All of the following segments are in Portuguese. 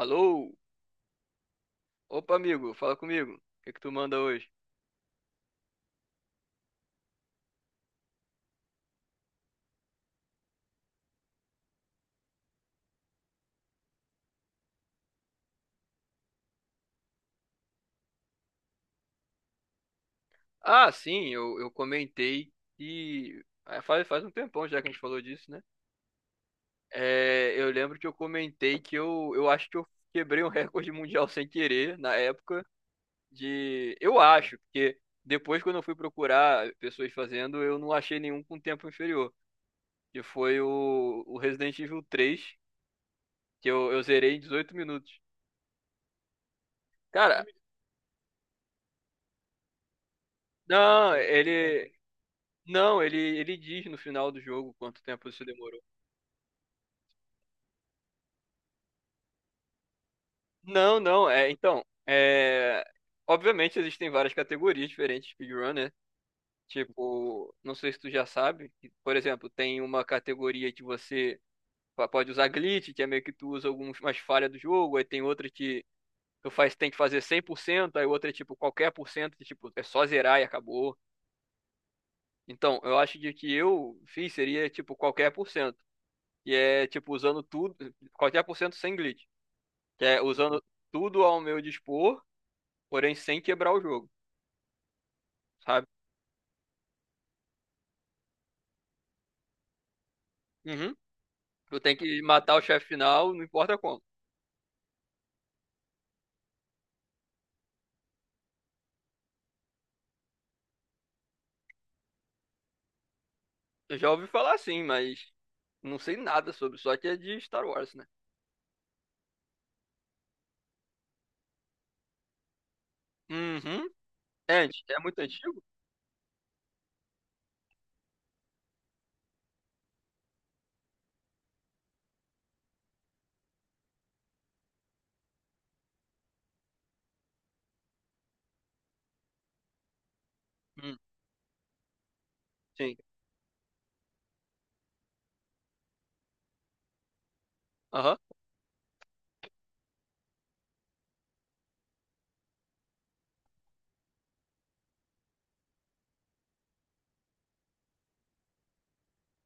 Alô? Opa, amigo, fala comigo. O que que tu manda hoje? Ah, sim, eu comentei que, faz um tempão já que a gente falou disso, né? É, eu lembro que eu comentei que eu acho que eu quebrei um recorde mundial sem querer na época de. Eu acho, porque depois quando eu fui procurar pessoas fazendo, eu não achei nenhum com tempo inferior. Que foi o Resident Evil 3 que eu zerei em 18 minutos. Cara, não, ele. Não, ele diz no final do jogo quanto tempo isso demorou. Não, não, é, então, é, obviamente existem várias categorias diferentes de speedrunner, tipo, não sei se tu já sabe, que, por exemplo, tem uma categoria que você pode usar glitch, que é meio que tu usa algumas falhas do jogo, aí tem outra que tu faz, tem que fazer 100%. Aí outra é tipo qualquer por cento, que tipo, é só zerar e acabou. Então, eu acho que o que eu fiz seria tipo qualquer por cento, que é tipo usando tudo, qualquer por cento sem glitch. Que é usando tudo ao meu dispor, porém sem quebrar o jogo, sabe? Uhum. Tu tem que matar o chefe final, não importa como. Eu já ouvi falar assim, mas não sei nada sobre, só que é de Star Wars, né? Uhum. É, é muito antigo? Hum, Sim. Aham.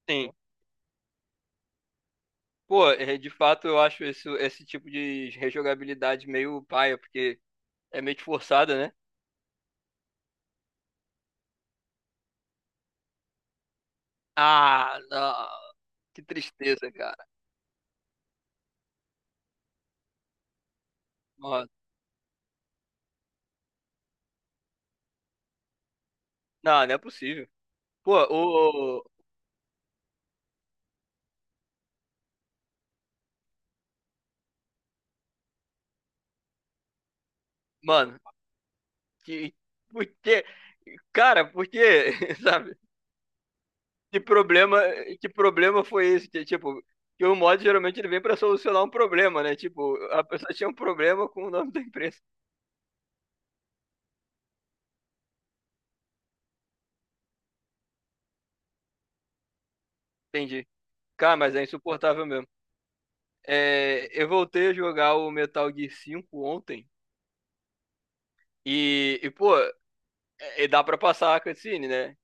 Sim. Pô, é, de fato eu acho isso, esse tipo de rejogabilidade meio paia, porque é meio que forçada, né? Ah, não. Que tristeza, cara. Mano. Não, não é possível. Pô, o. Mano, que, porque, cara, porque, sabe? Que problema, que problema foi esse? Que, tipo, que o mod geralmente ele vem pra solucionar um problema, né? Tipo, a pessoa tinha um problema com o nome da empresa. Entendi. Cara, mas é insuportável mesmo. É, eu voltei a jogar o Metal Gear 5 ontem e pô, e dá pra passar a cutscene, né?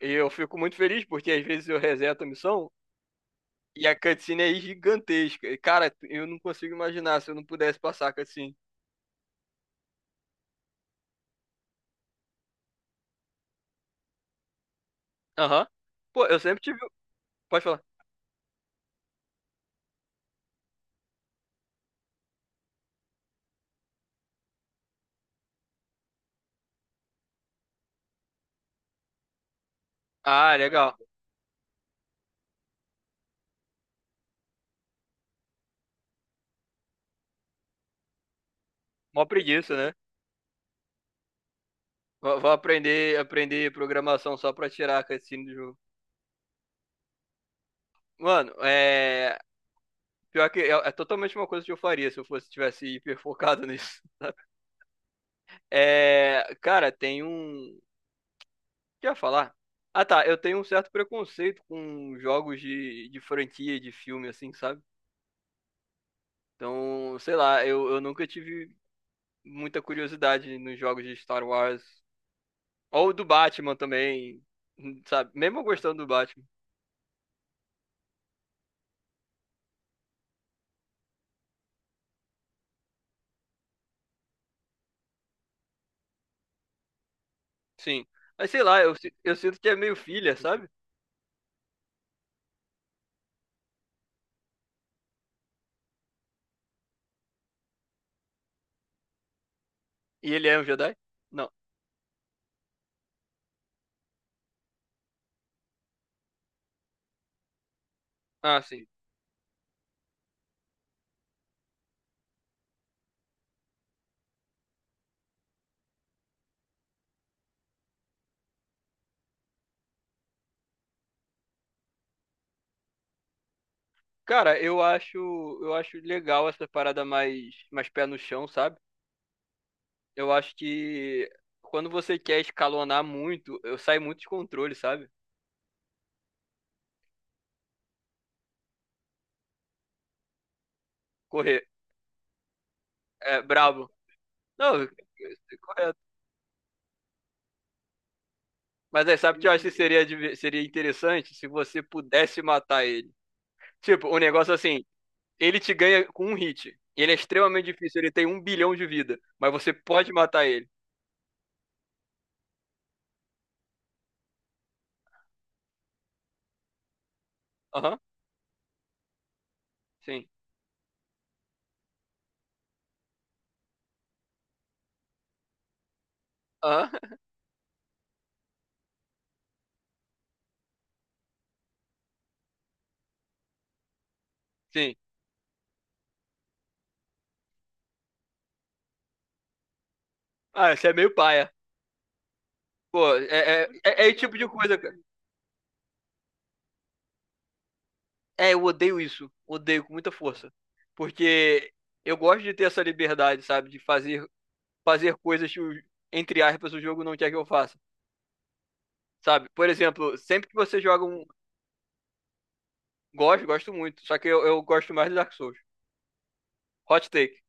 E eu fico muito feliz porque às vezes eu reseto a missão e a cutscene é gigantesca. E, cara, eu não consigo imaginar se eu não pudesse passar a cutscene. Aham. Pô, eu sempre tive. Pode falar. Ah, legal. Mó preguiça, né? Vou aprender programação só pra tirar a cutscene do jogo. Mano, é. Pior que é totalmente uma coisa que eu faria se eu fosse tivesse hiper focado nisso. É. Cara, tem um. O que eu ia falar? Ah, tá. Eu tenho um certo preconceito com jogos de franquia, de filme, assim, sabe? Então, sei lá, eu nunca tive muita curiosidade nos jogos de Star Wars. Ou o do Batman também, sabe? Mesmo eu gostando do Batman, sim. Mas sei lá, eu sinto que é meio filha, sabe? E ele é um Jedi? Não. Ah, sim. Cara, eu acho legal essa parada mais, mais pé no chão, sabe? Eu acho que quando você quer escalonar muito, eu saio muito de controle, sabe? Correr, é brabo. Não, correto. Mas aí, sabe o que eu acho que seria interessante se você pudesse matar ele? Tipo, um negócio assim, ele te ganha com um hit. Ele é extremamente difícil, ele tem 1 bilhão de vida. Mas você pode matar ele. Aham, sim. Aham, sim. Ah, você é meio paia. Pô, é esse tipo de coisa, cara. É, eu odeio isso. Odeio com muita força. Porque eu gosto de ter essa liberdade, sabe? De fazer coisas que, entre aspas, o jogo não quer que eu faça. Sabe? Por exemplo, sempre que você joga um. Gosto, gosto muito. Só que eu gosto mais de Dark Souls. Hot take.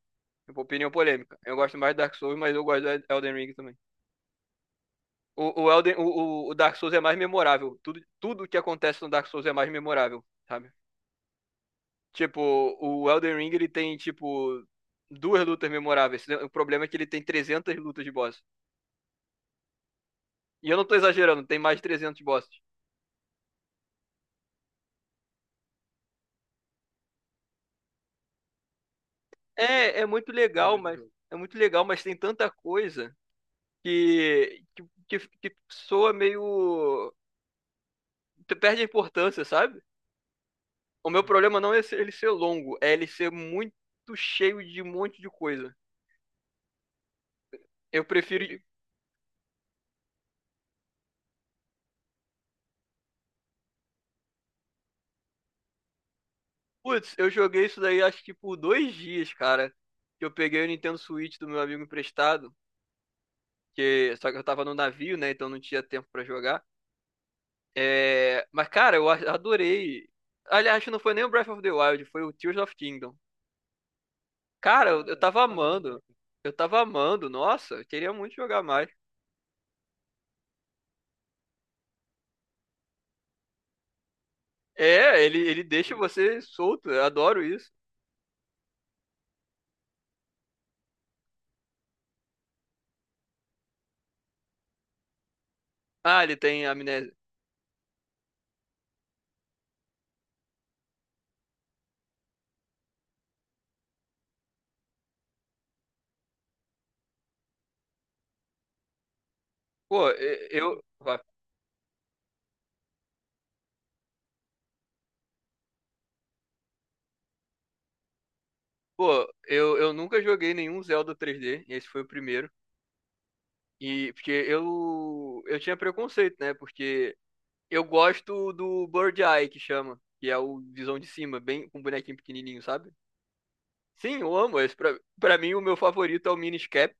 Opinião polêmica. Eu gosto mais de Dark Souls, mas eu gosto de Elden Ring também. O Dark Souls é mais memorável. Tudo, tudo que acontece no Dark Souls é mais memorável, sabe? Tipo, o Elden Ring, ele tem, tipo, duas lutas memoráveis. O problema é que ele tem 300 lutas de boss. E eu não tô exagerando, tem mais de 300 bosses. É muito legal, mas tem tanta coisa que que soa meio que perde a importância, sabe? O meu problema não é ele ser longo, é ele ser muito cheio de um monte de coisa. Eu prefiro. Putz, eu joguei isso daí acho que por 2 dias, cara. Que eu peguei o Nintendo Switch do meu amigo emprestado. Que, só que eu tava no navio, né? Então não tinha tempo pra jogar. É, mas, cara, eu adorei. Aliás, não foi nem o Breath of the Wild, foi o Tears of Kingdom. Cara, eu tava amando. Eu tava amando. Nossa, eu queria muito jogar mais. É, ele deixa você solto. Eu adoro isso. Ah, ele tem amnésia. Pô, eu. Pô, eu nunca joguei nenhum Zelda 3D. Esse foi o primeiro. E porque eu tinha preconceito, né? Porque eu gosto do Bird Eye que chama, que é o visão de cima, bem com bonequinho pequenininho, sabe? Sim, eu amo esse. Pra mim o meu favorito é o Minish Cap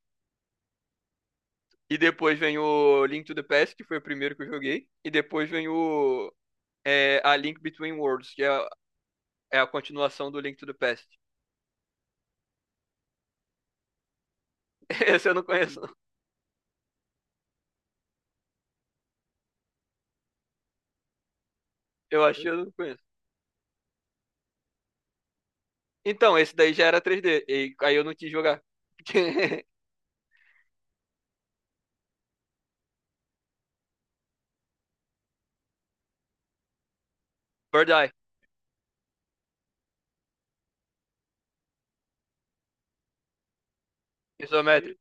e depois vem o Link to the Past, que foi o primeiro que eu joguei, e depois vem a Link Between Worlds, que é a continuação do Link to the Past. Esse eu não conheço, não. Eu acho que eu não conheço. Então, esse daí já era 3D, e aí eu não quis jogar. Porque- Bird Eye, isométrico.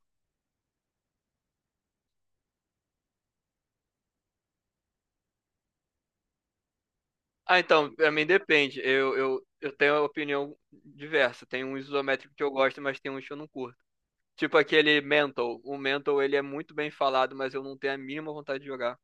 Ah, então, pra mim depende. Eu tenho opinião diversa. Tem um isométrico que eu gosto, mas tem uns que eu não curto. Tipo aquele Mental. O Mental, ele é muito bem falado, mas eu não tenho a mínima vontade de jogar.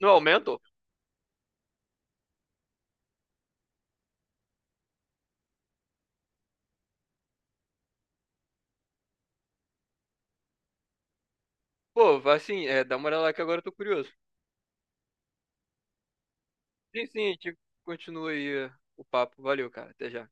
Não, é o Mental? Pô, vai sim, é, dá uma olhada lá que agora eu tô curioso. Sim, sim, a gente continua aí o papo. Valeu, cara. Até já.